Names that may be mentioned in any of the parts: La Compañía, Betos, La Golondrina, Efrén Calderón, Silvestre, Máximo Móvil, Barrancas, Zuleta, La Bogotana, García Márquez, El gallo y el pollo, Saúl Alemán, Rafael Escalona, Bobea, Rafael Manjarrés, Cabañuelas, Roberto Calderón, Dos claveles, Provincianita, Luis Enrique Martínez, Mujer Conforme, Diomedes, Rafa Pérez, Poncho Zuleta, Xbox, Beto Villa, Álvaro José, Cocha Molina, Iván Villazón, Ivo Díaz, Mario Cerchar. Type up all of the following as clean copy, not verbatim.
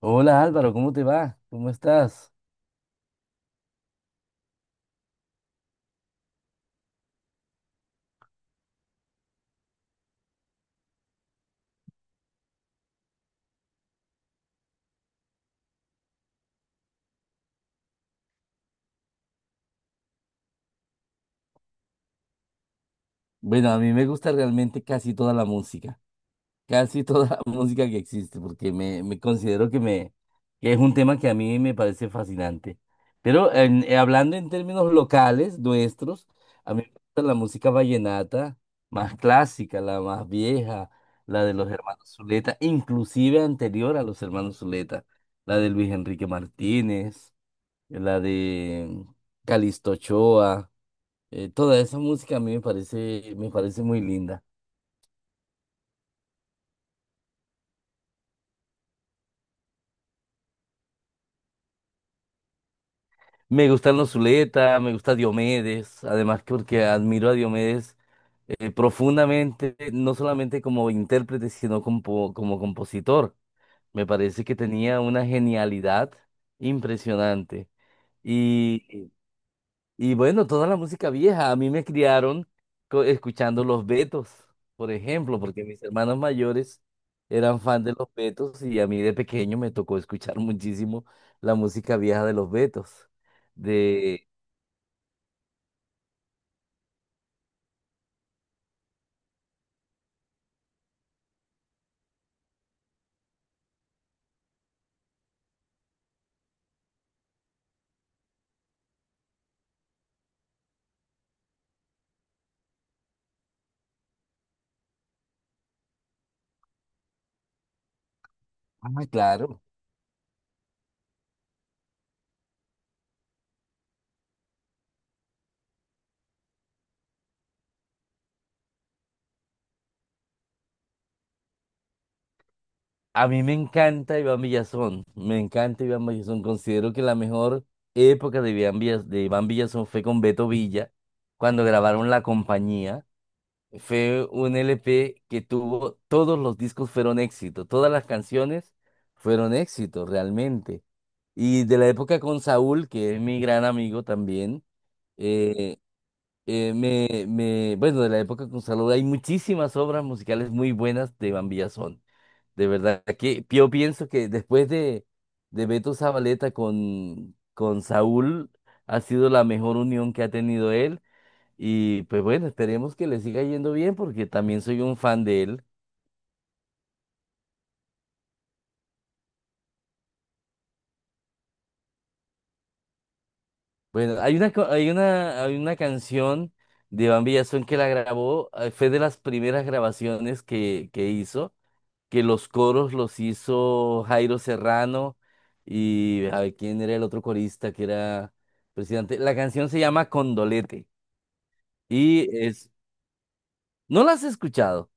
Hola Álvaro, ¿cómo te va? ¿Cómo estás? Bueno, a mí me gusta realmente casi toda la música, casi toda la música que existe, porque me considero que es un tema que a mí me parece fascinante. Pero hablando en términos locales, nuestros, a mí me gusta la música vallenata más clásica, la más vieja, la de los hermanos Zuleta, inclusive anterior a los hermanos Zuleta, la de Luis Enrique Martínez, la de Calixto Ochoa. Toda esa música a mí me parece muy linda. Me gustan los Zuleta, me gusta Diomedes, además que porque admiro a Diomedes profundamente, no solamente como intérprete, sino como compositor. Me parece que tenía una genialidad impresionante. Y Y bueno, toda la música vieja, a mí me criaron escuchando los Betos, por ejemplo, porque mis hermanos mayores eran fan de los Betos y a mí de pequeño me tocó escuchar muchísimo la música vieja de los Betos. De, ah, claro, a mí me encanta Iván Villazón, me encanta Iván Villazón, considero que la mejor época de Iván Villazón fue con Beto Villa, cuando grabaron La Compañía. Fue un LP que tuvo, todos los discos fueron éxito, todas las canciones fueron éxito realmente. Y de la época con Saúl, que es mi gran amigo también, eh, bueno, de la época con Saúl hay muchísimas obras musicales muy buenas de Van Villazón. De verdad que yo pienso que de Beto Zabaleta con Saúl, ha sido la mejor unión que ha tenido él. Y pues bueno, esperemos que le siga yendo bien porque también soy un fan de él. Bueno, hay una, co- hay una canción de Iván Villazón que la grabó, fue de las primeras grabaciones que hizo, que los coros los hizo Jairo Serrano y a ver quién era el otro corista que era presidente. La canción se llama Condolete y es, ¿no la has escuchado?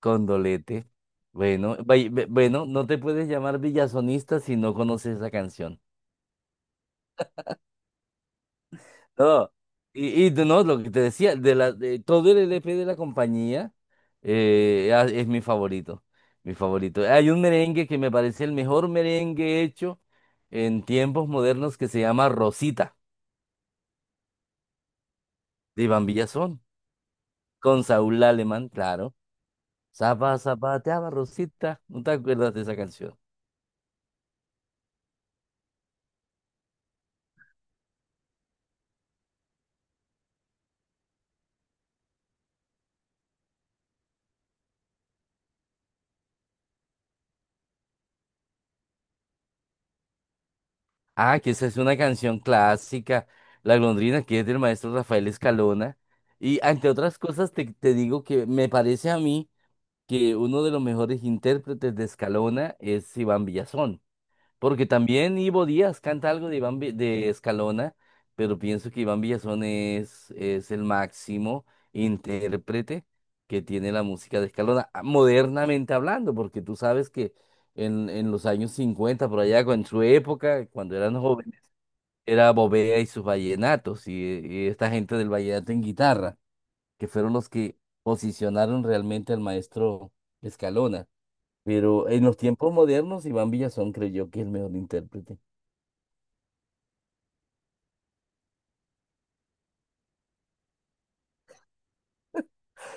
Condolete. Bueno, bueno, no te puedes llamar villazonista si no conoces esa canción. No, no, lo que te decía, de todo el LP de la compañía es mi favorito, mi favorito. Hay un merengue que me parece el mejor merengue hecho en tiempos modernos que se llama Rosita, de Iván Villazón, con Saúl Alemán, claro. Zapateaba Rosita, ¿no te acuerdas de esa canción? Ah, que esa es una canción clásica, La Golondrina, que es del maestro Rafael Escalona. Y entre otras cosas te digo que me parece a mí que uno de los mejores intérpretes de Escalona es Iván Villazón, porque también Ivo Díaz canta algo de Escalona, pero pienso que Iván Villazón es el máximo intérprete que tiene la música de Escalona, ah, modernamente hablando, porque tú sabes que en los años 50 por allá, en su época, cuando eran jóvenes, era Bobea y sus vallenatos, y esta gente del vallenato en guitarra, que fueron los que posicionaron realmente al maestro Escalona. Pero en los tiempos modernos, Iván Villazón creyó que es el mejor intérprete.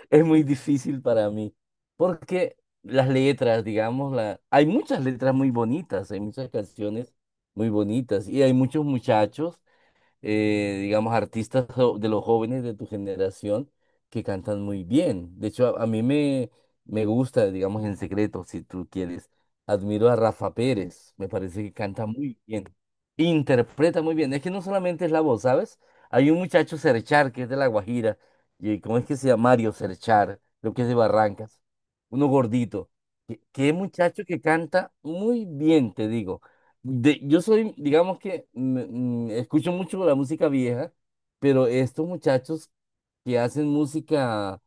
Es muy difícil para mí, porque las letras, digamos, la... hay muchas letras muy bonitas, hay muchas canciones muy bonitas, y hay muchos muchachos digamos, de los jóvenes de tu generación que cantan muy bien. De hecho, a mí me gusta, digamos, en secreto, si tú quieres. Admiro a Rafa Pérez, me parece que canta muy bien, interpreta muy bien. Es que no solamente es la voz, ¿sabes? Hay un muchacho Cerchar que es de La Guajira, y ¿cómo es que se llama? Mario Cerchar, creo que es de Barrancas, uno gordito. Qué muchacho que canta muy bien, te digo yo soy, digamos que escucho mucho la música vieja, pero estos muchachos que hacen música,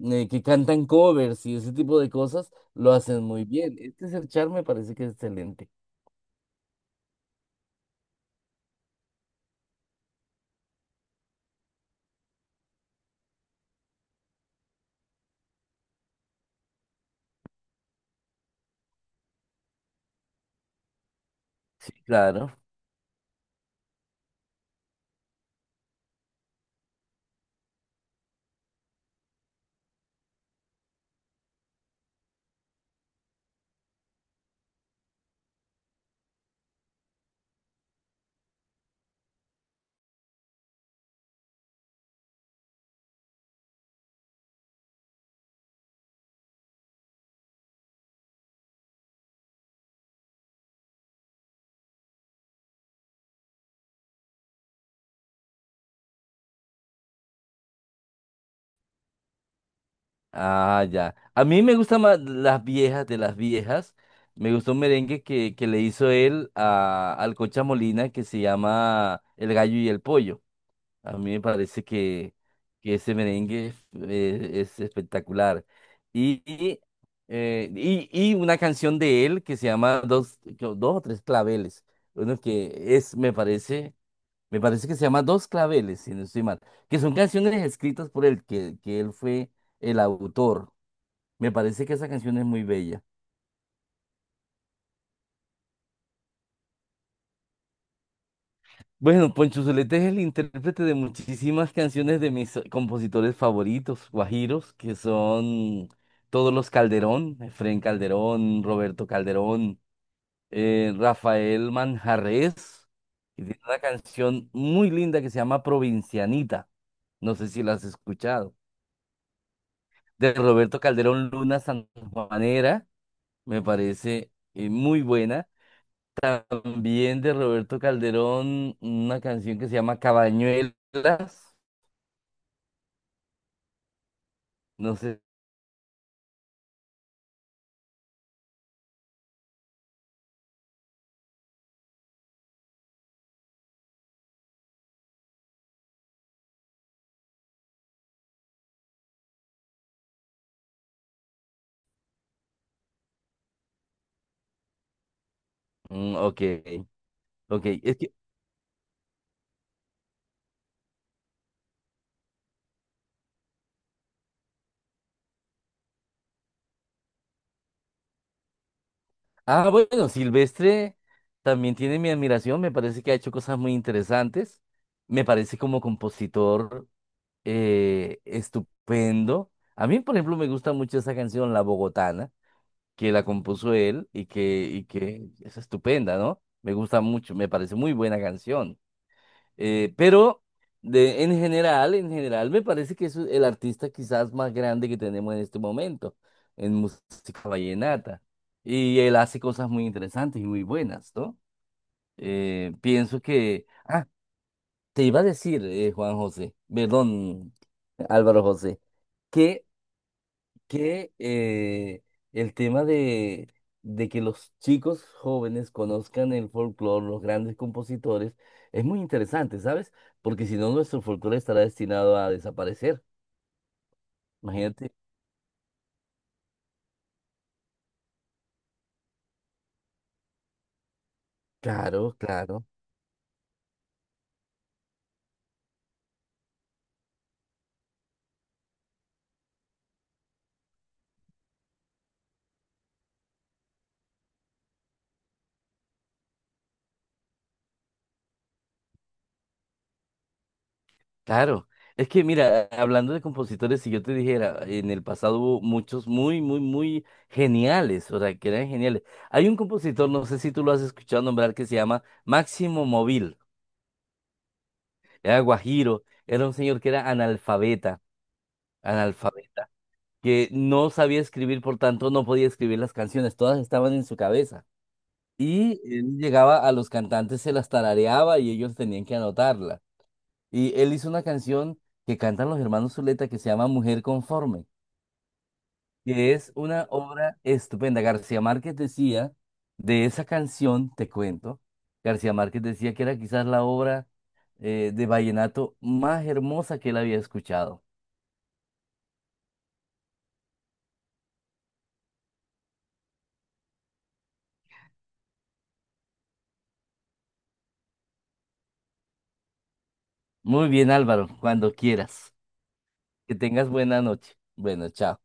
que cantan covers y ese tipo de cosas, lo hacen muy bien. Este es el char me parece que es excelente. Sí, claro. Ah, ya. A mí me gustan más las viejas de las viejas. Me gustó un merengue que le hizo él al Cocha Molina que se llama El gallo y el pollo. A mí me parece que ese merengue es espectacular. Y, y, y una canción de él que se llama Dos, creo, dos o tres claveles. Uno que es, me parece que se llama Dos claveles, si no estoy mal. Que son canciones escritas por él, que él fue el autor. Me parece que esa canción es muy bella. Bueno, Poncho Zuleta es el intérprete de muchísimas canciones de mis compositores favoritos, guajiros, que son todos los Calderón, Efrén Calderón, Roberto Calderón, Rafael Manjarrés, y tiene una canción muy linda que se llama Provincianita, no sé si la has escuchado, de Roberto Calderón Luna Sanjuanera, me parece muy buena, también de Roberto Calderón, una canción que se llama Cabañuelas. No sé. Mm, ok, ok. Es que, ah, bueno, Silvestre también tiene mi admiración. Me parece que ha hecho cosas muy interesantes. Me parece como compositor estupendo. A mí, por ejemplo, me gusta mucho esa canción, La Bogotana, que la compuso él y que es estupenda, ¿no? Me gusta mucho, me parece muy buena canción. Eh, pero en general me parece que es el artista quizás más grande que tenemos en este momento en música vallenata. Y él hace cosas muy interesantes y muy buenas, ¿no? Pienso que... Ah, te iba a decir, Juan José, perdón, Álvaro José, que que el tema de que los chicos jóvenes conozcan el folclore, los grandes compositores, es muy interesante, ¿sabes? Porque si no, nuestro folclore estará destinado a desaparecer. Imagínate. Claro, claro. Claro, es que mira, hablando de compositores, si yo te dijera, en el pasado hubo muchos muy geniales, o sea, que eran geniales. Hay un compositor, no sé si tú lo has escuchado nombrar, que se llama Máximo Móvil, era guajiro, era un señor que era analfabeta, analfabeta, que no sabía escribir, por tanto no podía escribir las canciones, todas estaban en su cabeza. Y él llegaba a los cantantes, se las tarareaba y ellos tenían que anotarla. Y él hizo una canción que cantan los hermanos Zuleta que se llama Mujer Conforme, que es una obra estupenda. García Márquez decía, de esa canción, te cuento, García Márquez decía que era quizás la obra de vallenato más hermosa que él había escuchado. Muy bien, Álvaro, cuando quieras. Que tengas buena noche. Bueno, chao.